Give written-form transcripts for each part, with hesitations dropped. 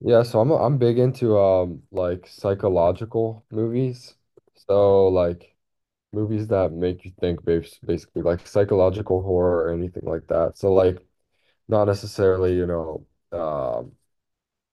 Yeah, so I'm big into like psychological movies. So like movies that make you think basically like psychological horror or anything like that. So like not necessarily, you know, um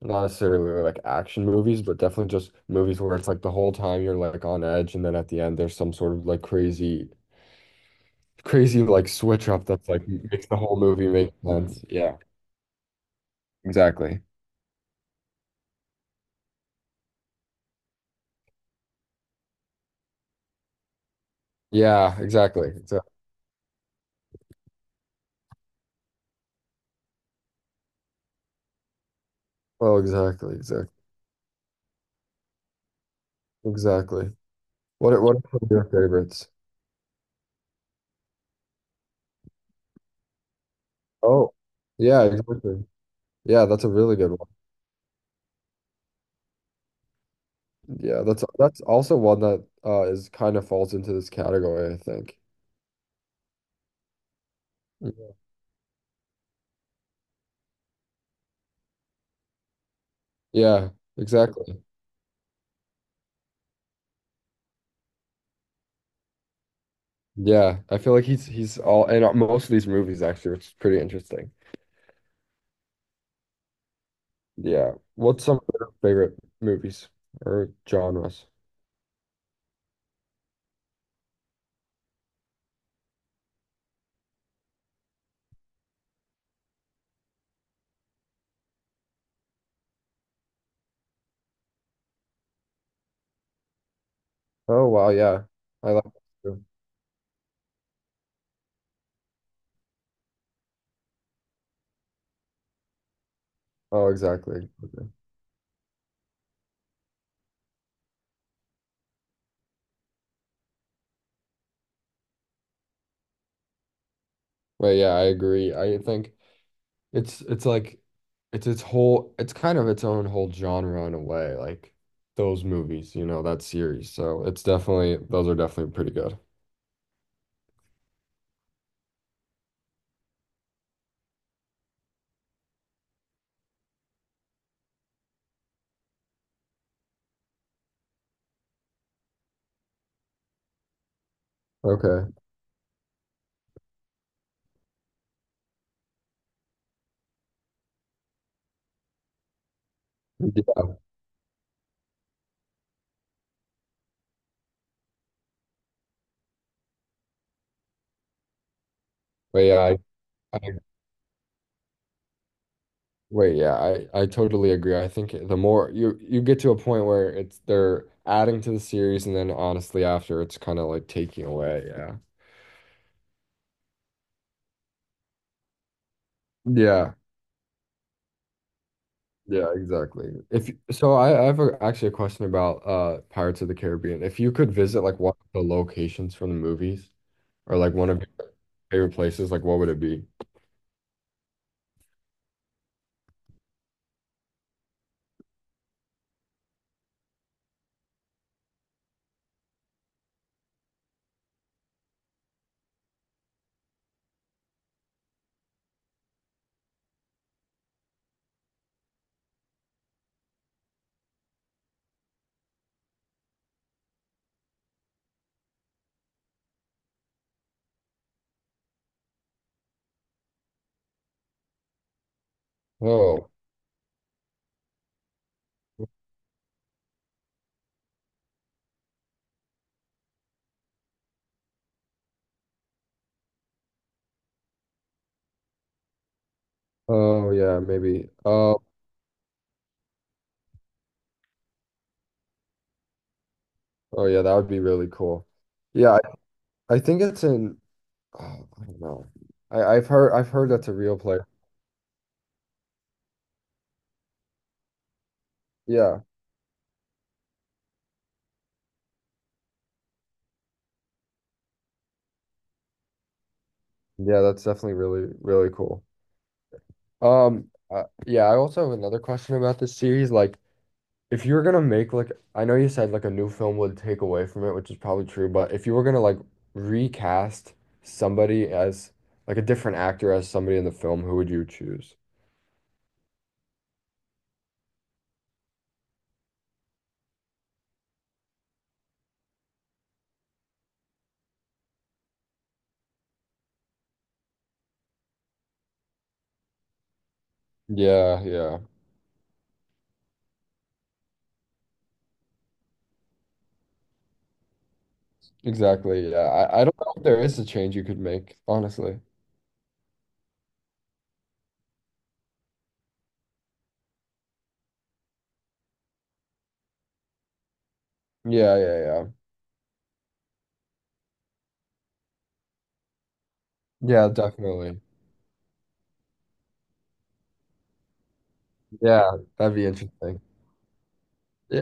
not necessarily like action movies, but definitely just movies where it's like the whole time you're like on edge and then at the end there's some sort of like crazy like switch up that's like makes the whole movie make sense. Yeah, exactly. Yeah, exactly. Exactly. Oh, exactly, exactly. Exactly. What are some of your favorites? Oh, yeah, exactly. Yeah, that's a really good one. Yeah, that's also one that is kind of falls into this category, I think. Mhm. Yeah, exactly. Yeah, I feel like he's all in most of these movies actually, which is pretty interesting. Yeah. What's some of your favorite movies or genres? Oh wow, yeah. I like that too. Oh, exactly. Okay. But yeah, I agree. I think it's like it's kind of its own whole genre in a way, like those movies, you know, that series. So it's definitely those are definitely pretty good. Okay. Yeah. But yeah, I yeah, I totally agree. I think the more you get to a point where it's they're adding to the series and then honestly after it's kind of like taking away, yeah. Yeah. Yeah, exactly. If so, I have actually a question about Pirates of the Caribbean. If you could visit like one of the locations from the movies, or like one of your favorite places, like what would it be? Oh, oh yeah, maybe. Oh, oh yeah, that would be really cool. Yeah, I think it's in. Oh, I don't know. I've heard that's a real place. Yeah, yeah, that's definitely really cool. Yeah, I also have another question about this series. Like, if you were gonna make like, I know you said like a new film would take away from it, which is probably true. But if you were gonna like recast somebody as like a different actor as somebody in the film, who would you choose? Yeah, yeah, exactly. Yeah, I don't know if there is a change you could make, honestly. Yeah, yeah, yeah. Yeah, definitely. Yeah, that'd be interesting. Yeah,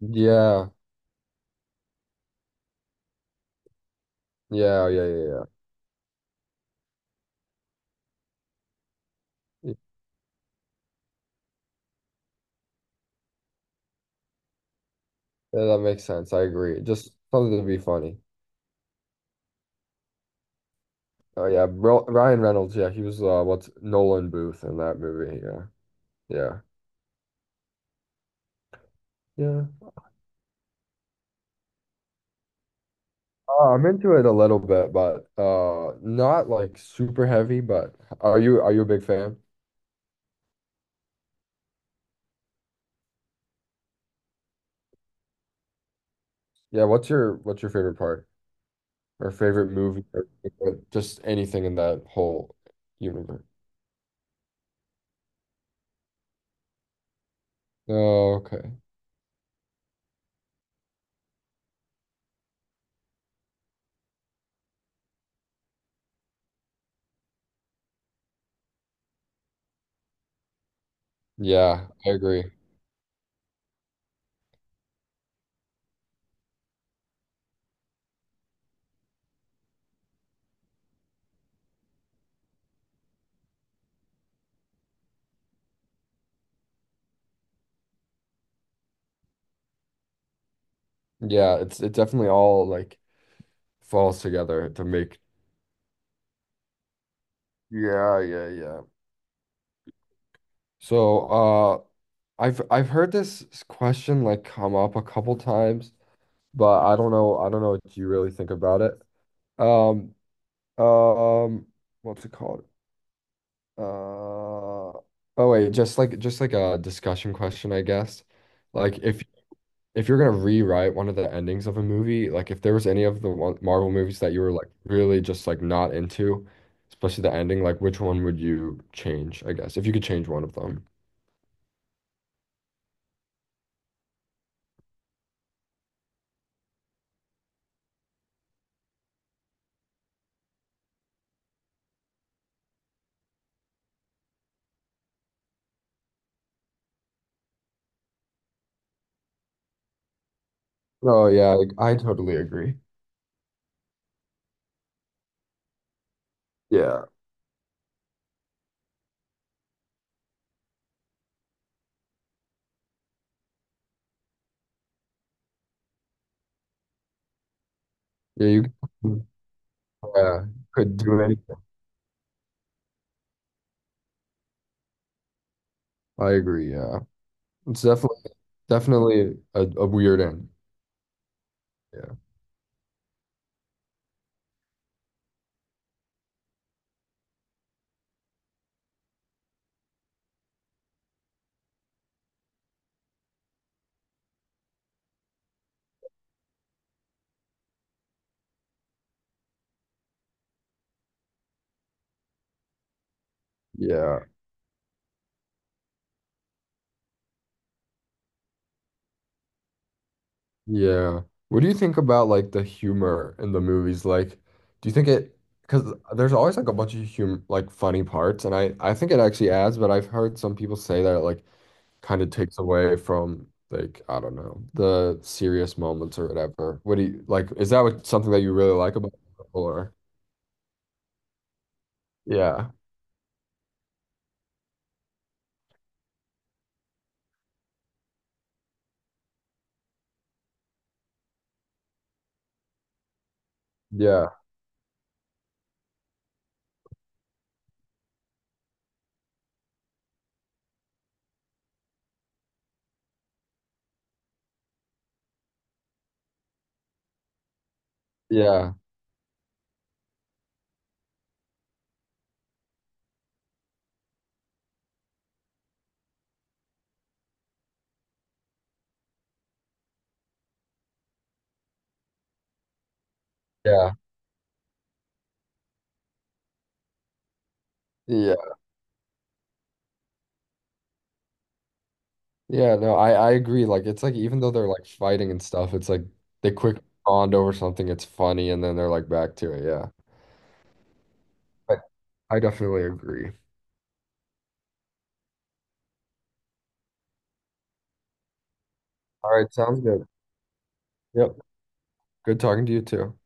yeah, yeah, yeah, yeah, yeah. Yeah, that makes sense. I agree. Just something to be funny. Oh yeah, Bro Ryan Reynolds. Yeah, he was what's Nolan Booth in that movie. Yeah, yeah, yeah. I'm into it a little bit, but not like super heavy. But are you a big fan? Yeah. What's your favorite part? Or favorite movie or just anything in that whole universe. Oh, okay. Yeah, I agree. Yeah, it's it definitely all like falls together to make. Yeah, yeah, yeah. So, I've heard this question like come up a couple times, but I don't know what you really think about it. Um um what's it called? Uh oh wait, just like a discussion question, I guess. Like if you're gonna rewrite one of the endings of a movie, like if there was any of the one Marvel movies that you were like really just like not into, especially the ending, like which one would you change, I guess, if you could change one of them? Oh yeah, I totally agree. Yeah. Yeah, you yeah, could do anything. I agree, yeah. It's definitely a weird end. Yeah. Yeah. Yeah. What do you think about like the humor in the movies? Like, do you think it, because there's always like a bunch of humor, like funny parts, and I think it actually adds, but I've heard some people say that it like kind of takes away from like I don't know the serious moments or whatever. What do you like? Is that what something that you really like about it, or yeah, yeah, yeah, yeah, yeah, yeah. No, I agree. Like, it's like even though they're like fighting and stuff, it's like they quick bond over something. It's funny, and then they're like back to it. Yeah. But I definitely agree. All right, sounds good. Yep. Good talking to you too.